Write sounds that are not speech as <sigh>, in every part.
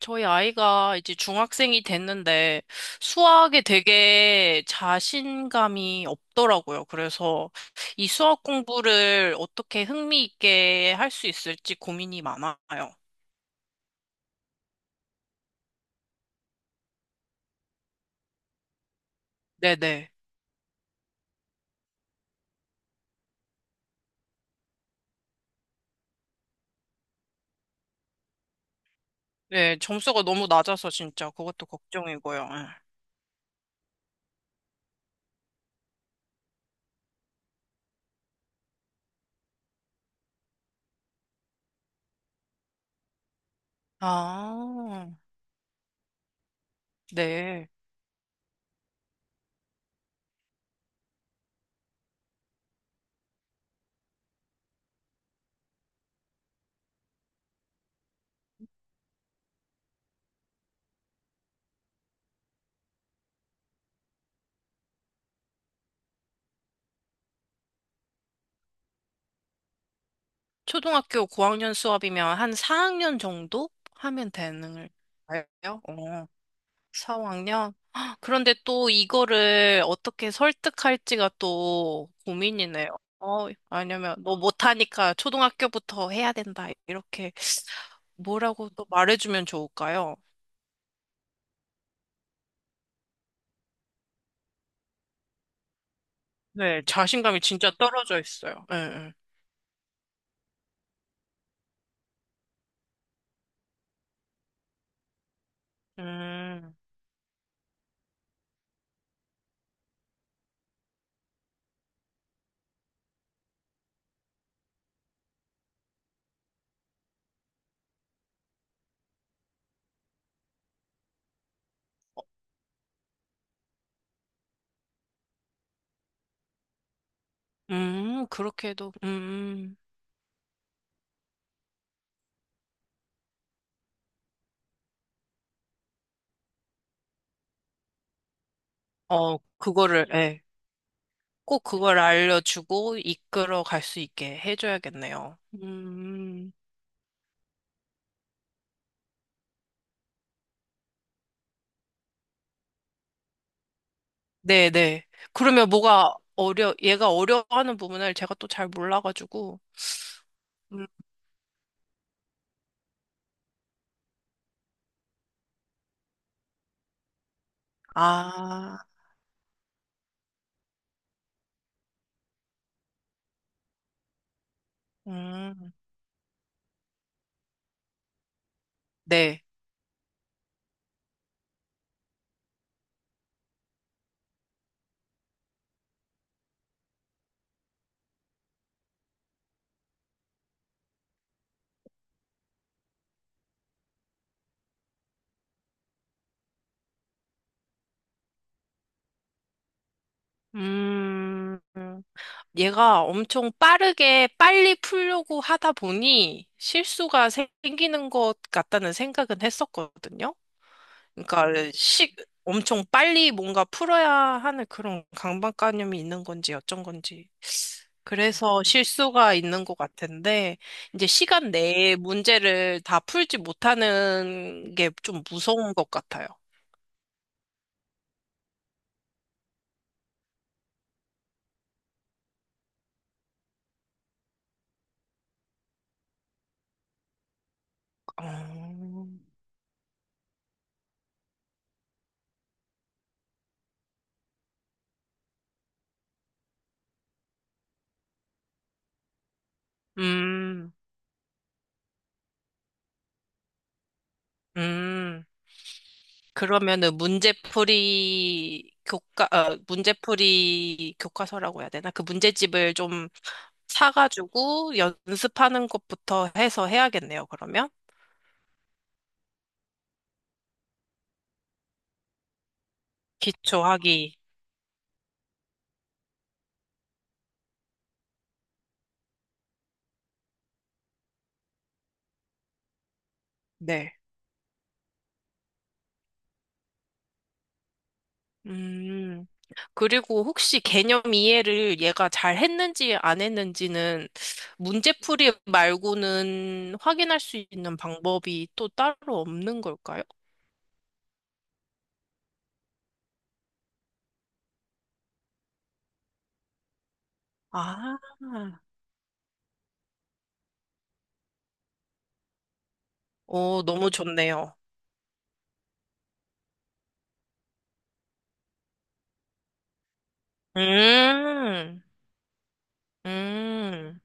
저희 아이가 이제 중학생이 됐는데 수학에 되게 자신감이 없더라고요. 그래서 이 수학 공부를 어떻게 흥미 있게 할 수 있을지 고민이 많아요. 네네. 네, 점수가 너무 낮아서 진짜 그것도 걱정이고요. 예. 아, 네. 초등학교 고학년 수업이면 한 4학년 정도 하면 되는 거예요? 어. 4학년? 그런데 또 이거를 어떻게 설득할지가 또 고민이네요. 왜냐면 너 못하니까 초등학교부터 해야 된다. 이렇게 뭐라고 또 말해주면 좋을까요? 네, 자신감이 진짜 떨어져 있어요. 예, 예. 음, 그렇게 해도, 어, 그거를, 예, 꼭 그걸 알려주고 이끌어 갈 수 있게 해줘야겠네요. 음. 네네. 그러면 얘가 어려워하는 부분을 제가 또 잘 몰라가지고. 음. 아. 음. 네. 음, 얘가 엄청 빠르게 빨리 풀려고 하다 보니 생기는 것 같다는 생각은 했었거든요. 그러니까 시, 엄청 빨리 뭔가 풀어야 하는 그런 강박관념이 있는 건지 어쩐 건지. 그래서 실수가 있는 것 같은데, 이제 시간 내에 문제를 다 풀지 못하는 게 좀 무서운 것 같아요. 어. 음. 음. 그러면은 문제풀이 교과서라고 해야 되나? 그 문제집을 좀 사가지고 연습하는 것부터 해서 해야겠네요, 그러면. 기초하기. 네. 음, 그리고 혹시 개념 이해를 얘가 잘 했는지 안 했는지는 문제풀이 말고는 확인할 수 있는 방법이 또 따로 없는 걸까요? 아. 오, 너무 좋네요. 음, 음,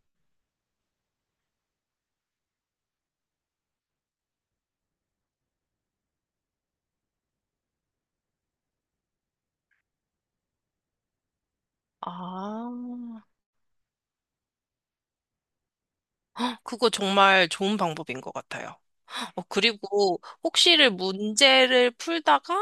아, 그거 정말 좋은 방법인 것 같아요. 어, 그리고 혹시를 문제를 풀다가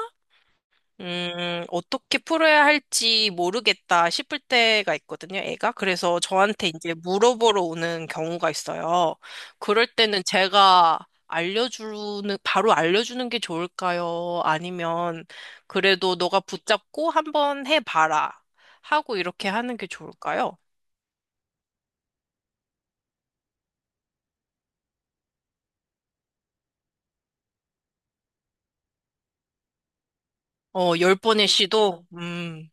어떻게 풀어야 할지 모르겠다 싶을 때가 있거든요, 애가. 그래서 저한테 이제 물어보러 오는 경우가 있어요. 그럴 때는 제가 바로 알려주는 게 좋을까요? 아니면 그래도 너가 붙잡고 한번 해봐라. 하고 이렇게 하는 게 좋을까요? 어, 열 번의 시도? 음.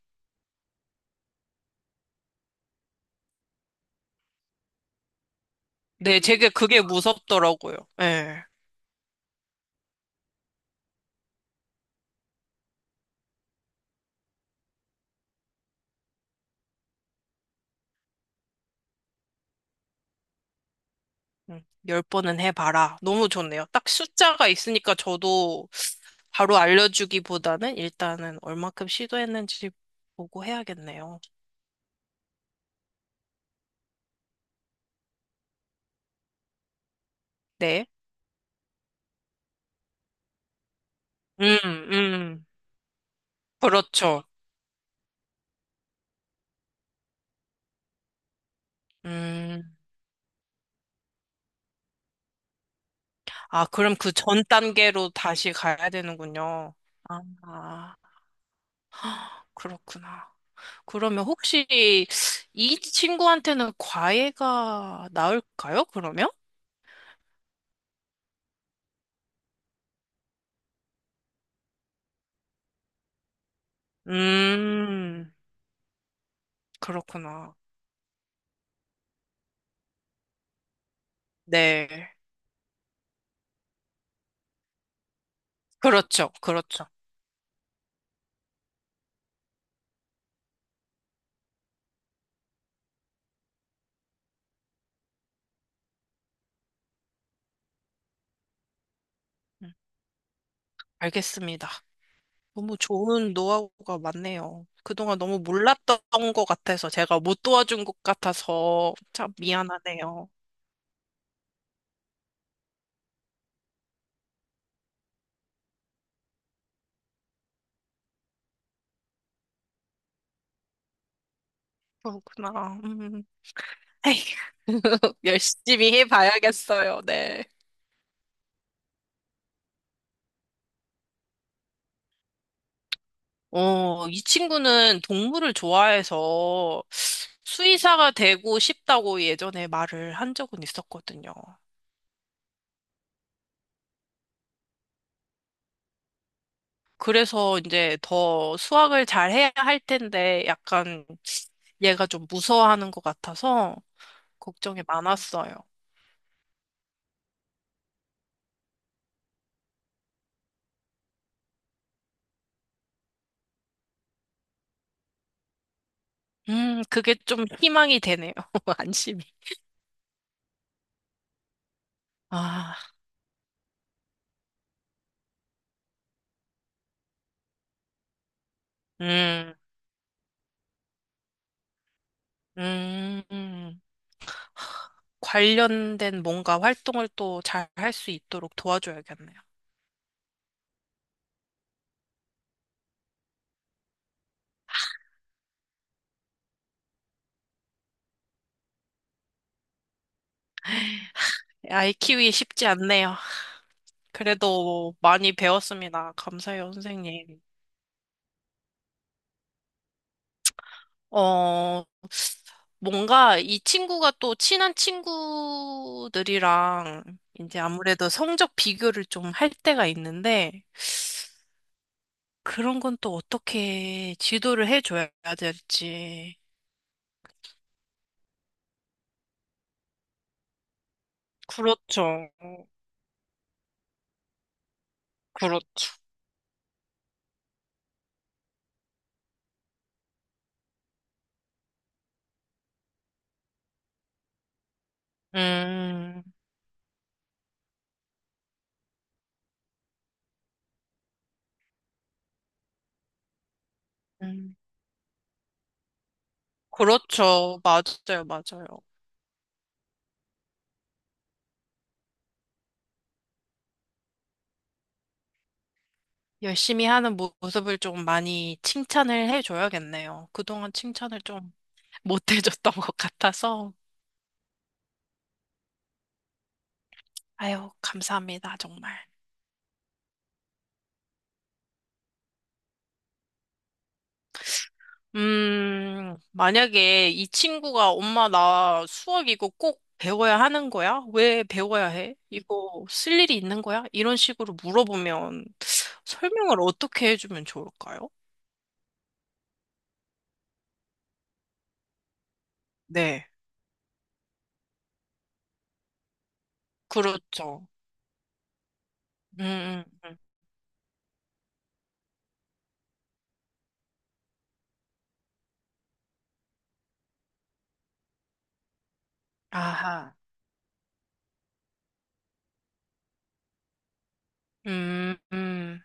네, 제게 그게 무섭더라고요. 예. 음, 열 번은 해봐라. 너무 좋네요. 딱 숫자가 있으니까 저도 바로 알려주기보다는 일단은 얼마큼 시도했는지 보고 해야겠네요. 네. 음. 음. 그렇죠. 음. 아, 그럼 그 전 단계로 다시 가야 되는군요. 아. 아. 그렇구나. 그러면 혹시 이 친구한테는 과외가 나을까요? 그러면? 음. 그렇구나. 네. 그렇죠. 그렇죠. 알겠습니다. 너무 좋은 노하우가 많네요. 그동안 너무 몰랐던 것 같아서 제가 못 도와준 것 같아서 참 미안하네요. 그렇구나. 음. 에이, <laughs> 열심히 해봐야겠어요. 네. 어, 이 친구는 동물을 좋아해서 수의사가 되고 싶다고 예전에 말을 한 적은 있었거든요. 그래서 이제 더 수학을 잘 해야 할 텐데 약간 얘가 좀 무서워하는 것 같아서 걱정이 많았어요. 그게 좀 희망이 되네요. <laughs> 안심이. 아. 음. 음. 음. 하, 관련된 뭔가 활동을 또 잘 할 수 있도록 도와줘야겠네요. 아이 키우기 쉽지 않네요. 그래도 많이 배웠습니다. 감사해요, 선생님. 어, 뭔가 이 친구가 또 친한 친구들이랑 이제 아무래도 성적 비교를 좀 할 때가 있는데 그런 건 또 어떻게 지도를 해줘야 될지. 그렇죠. 그렇죠. 음. 음. 그렇죠. 맞아요. 맞아요. 모습을 좀 많이 칭찬을 해줘야겠네요. 그동안 칭찬을 좀 못 해줬던 것 같아서. 아유, 감사합니다, 정말. 만약에 이 친구가 엄마 나 수학 이거 꼭 배워야 하는 거야? 왜 배워야 해? 이거 쓸 일이 있는 거야? 이런 식으로 물어보면 설명을 어떻게 해주면 좋을까요? 네, 그렇죠. 음. 음. 음. 아하. 음. 음.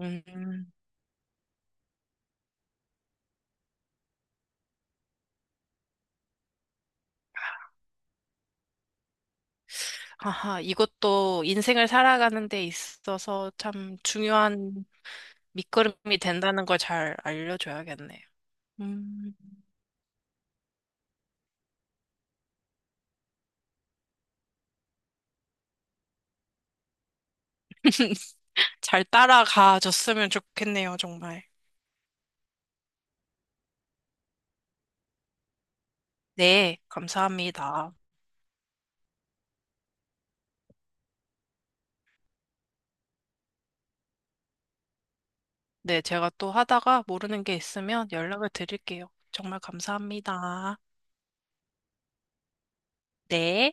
음. 아하, 이것도 인생을 살아가는 데 있어서 참 중요한 밑거름이 된다는 걸 잘 알려줘야겠네요. 음. 잘 따라가 줬으면 좋겠네요, 정말. 네, 감사합니다. 네, 제가 또 하다가 모르는 게 있으면 연락을 드릴게요. 정말 감사합니다. 네.